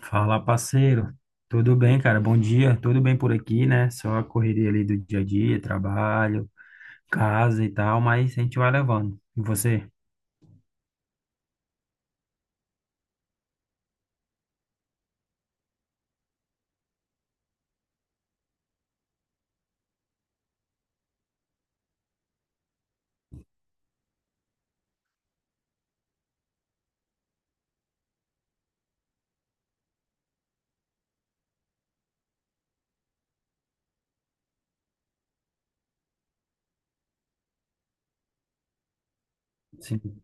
Fala, parceiro. Tudo bem, cara? Bom dia. Tudo bem por aqui, né? Só a correria ali do dia a dia, trabalho, casa e tal, mas a gente vai levando. E você? Sim.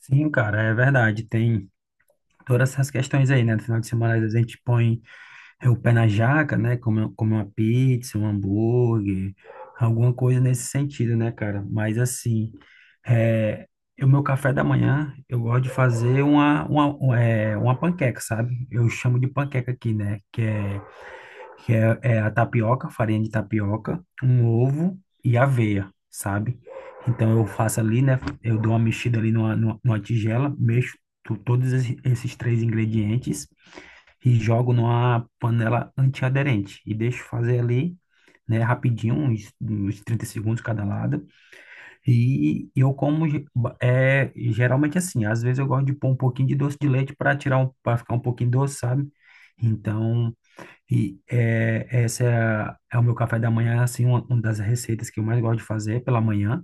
Sim, cara, é verdade. Tem todas essas questões aí, né? No final de semana, às vezes a gente põe o pé na jaca, né? Come uma pizza, um hambúrguer, alguma coisa nesse sentido, né, cara? Mas assim. É, o meu café da manhã, eu gosto de fazer uma panqueca, sabe? Eu chamo de panqueca aqui, né? É a tapioca, farinha de tapioca, um ovo e aveia, sabe? Então eu faço ali, né? Eu dou uma mexida ali numa tigela, mexo todos esses três ingredientes e jogo numa panela antiaderente e deixo fazer ali, né? Rapidinho, uns 30 segundos cada lado. E eu como geralmente assim, às vezes eu gosto de pôr um pouquinho de doce de leite para tirar um, para ficar um pouquinho doce, sabe? Então, é o meu café da manhã, assim, uma das receitas que eu mais gosto de fazer pela manhã.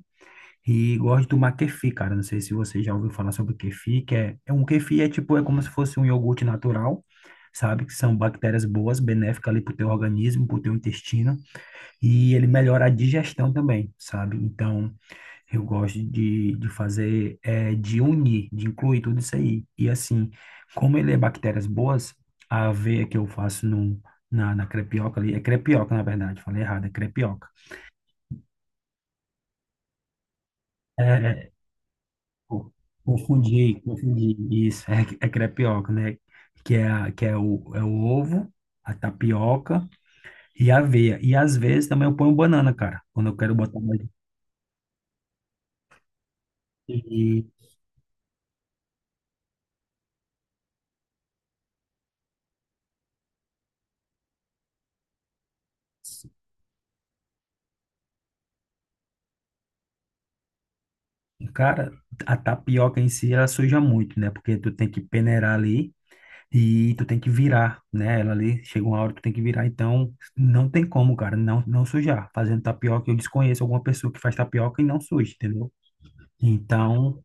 E gosto de tomar kefir, cara. Não sei se você já ouviu falar sobre kefir, que é, é um kefir é tipo, é como se fosse um iogurte natural, sabe? Que são bactérias boas, benéficas ali pro teu organismo, pro teu intestino. E ele melhora a digestão também, sabe? Então eu gosto de fazer, é, de unir, de incluir tudo isso aí. E assim, como ele é bactérias boas, a aveia que eu faço no, na, na crepioca ali, é crepioca na verdade, falei errado, é crepioca. É, é, co- confundi, confundi, é crepioca, né? Que é, a- que é, o, é o ovo, a tapioca e a aveia. E às vezes também eu ponho banana, cara, quando eu quero botar mais. Cara, a tapioca em si ela suja muito, né? Porque tu tem que peneirar ali e tu tem que virar, né? Ela ali chega uma hora que tu tem que virar, então não tem como, cara, não sujar. Fazendo tapioca, eu desconheço alguma pessoa que faz tapioca e não suja, entendeu? Então,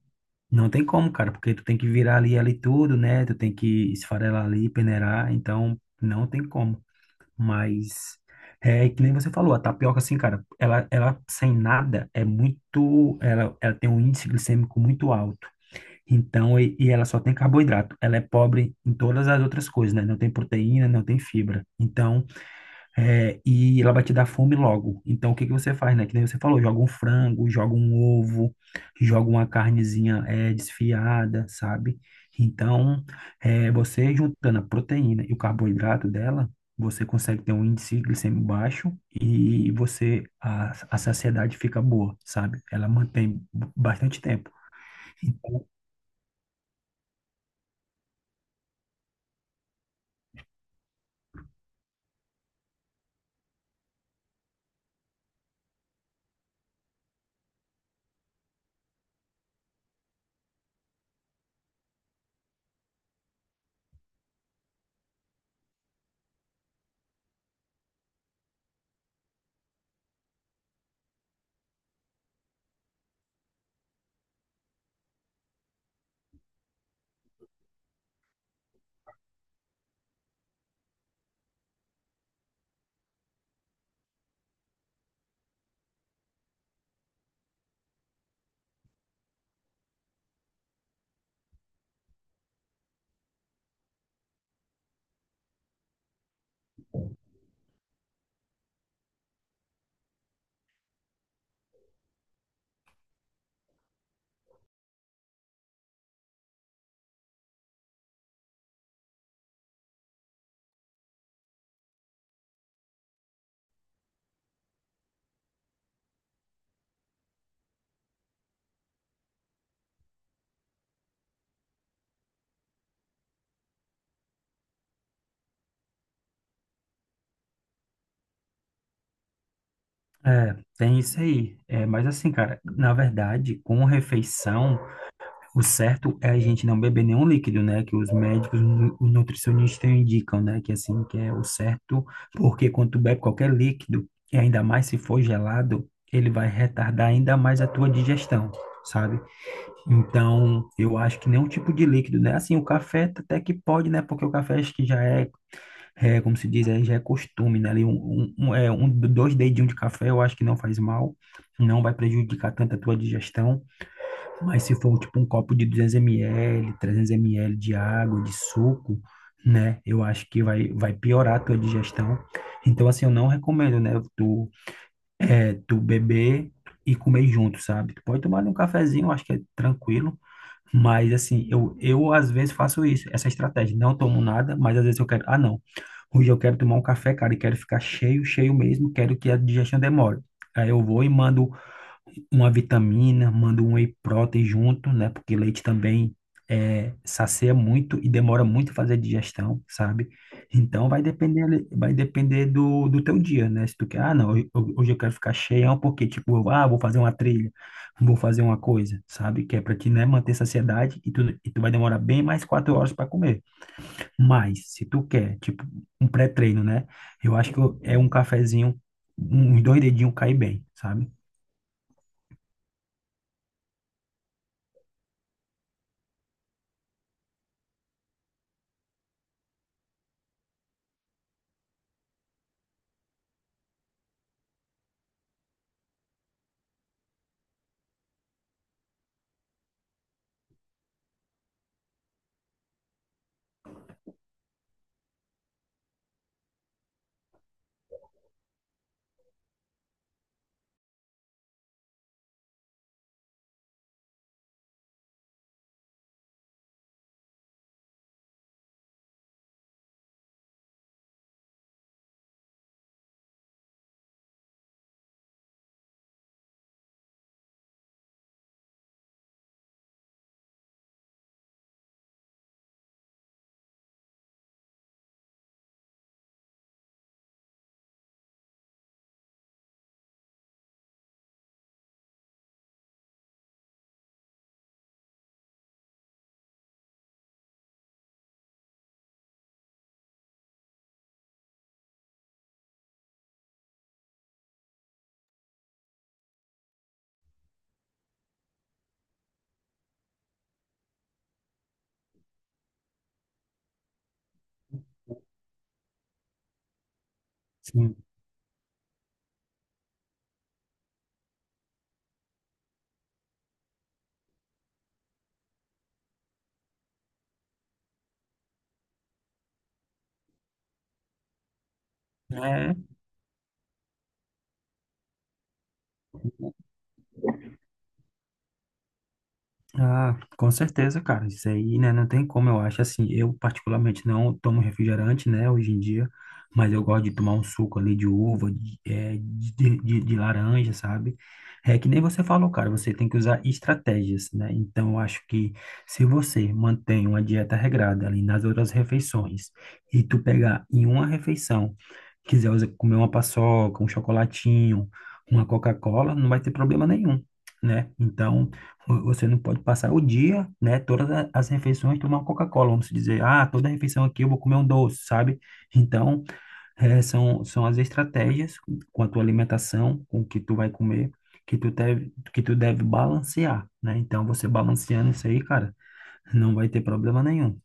não tem como, cara, porque tu tem que virar ali tudo, né? Tu tem que esfarelar ali, peneirar, então não tem como. Mas é que nem você falou, a tapioca, assim, cara, ela sem nada é muito. Ela tem um índice glicêmico muito alto. Então, e ela só tem carboidrato. Ela é pobre em todas as outras coisas, né? Não tem proteína, não tem fibra. Então, é, e ela vai te dar fome logo. Então, o que que você faz, né? Que nem você falou, joga um frango, joga um ovo, joga uma carnezinha, é, desfiada, sabe? Então, é, você juntando a proteína e o carboidrato dela, você consegue ter um índice glicêmico baixo e você, a saciedade fica boa, sabe? Ela mantém bastante tempo. Então, é, tem isso aí. É, mas assim, cara, na verdade, com refeição, o certo é a gente não beber nenhum líquido, né? Que os nutricionistas indicam, né? Que assim, que é o certo, porque quando tu bebe qualquer líquido, e ainda mais se for gelado, ele vai retardar ainda mais a tua digestão, sabe? Então, eu acho que nenhum tipo de líquido, né? Assim, o café até que pode, né? Porque o café acho que já é como se diz, aí já é costume, né? Ali dois dedinhos de café eu acho que não faz mal, não vai prejudicar tanto a tua digestão, mas se for tipo um copo de 200 ml, 300 ml de água, de suco, né? Eu acho que vai piorar a tua digestão. Então, assim, eu não recomendo, né? Tu beber e comer junto, sabe? Tu pode tomar ali um cafezinho, eu acho que é tranquilo, mas assim, eu às vezes faço isso, essa estratégia. Não tomo nada, mas às vezes eu quero, ah, não. Hoje eu quero tomar um café, cara, e quero ficar cheio, cheio mesmo, quero que a digestão demore. Aí eu vou e mando uma vitamina, mando um whey protein junto, né? Porque leite também é, sacia muito e demora muito fazer a digestão, sabe? Então vai depender do, do teu dia, né? Se tu quer, ah, não, hoje eu quero ficar cheião porque, tipo, eu, ah, vou fazer uma trilha, vou fazer uma coisa, sabe? Que é pra te, né, manter saciedade e tu vai demorar bem mais quatro horas para comer. Mas, se tu quer, tipo, um pré-treino, né? Eu acho que é um cafezinho, uns dois dedinhos cai bem, sabe? Sim. É, ah, com certeza, cara. Isso aí, né? Não tem como, eu acho. Assim, eu particularmente não tomo refrigerante, né? Hoje em dia, mas eu gosto de tomar um suco ali de uva, de laranja, sabe? É que nem você falou, cara. Você tem que usar estratégias, né? Então, eu acho que se você mantém uma dieta regrada ali nas outras refeições e tu pegar em uma refeição, quiser comer uma paçoca, um chocolatinho, uma Coca-Cola, não vai ter problema nenhum. Né? Então, você não pode passar o dia, né? Todas as refeições tomar uma Coca-Cola, vamos dizer, ah, toda refeição aqui eu vou comer um doce, sabe? Então, eh, são as estratégias com a tua alimentação, com o que tu vai comer, que tu deve balancear, né? Então, você balanceando isso aí, cara, não vai ter problema nenhum.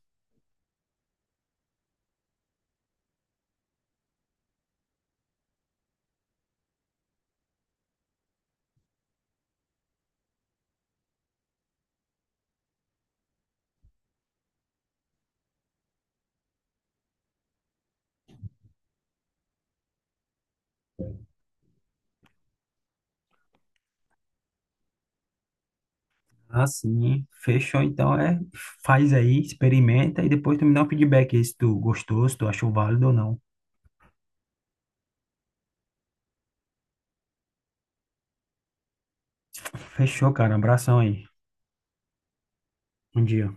Assim, fechou. Então, é, faz aí, experimenta e depois tu me dá um feedback aí se tu gostou, se tu achou válido ou não. Fechou, cara. Abração aí. Bom dia.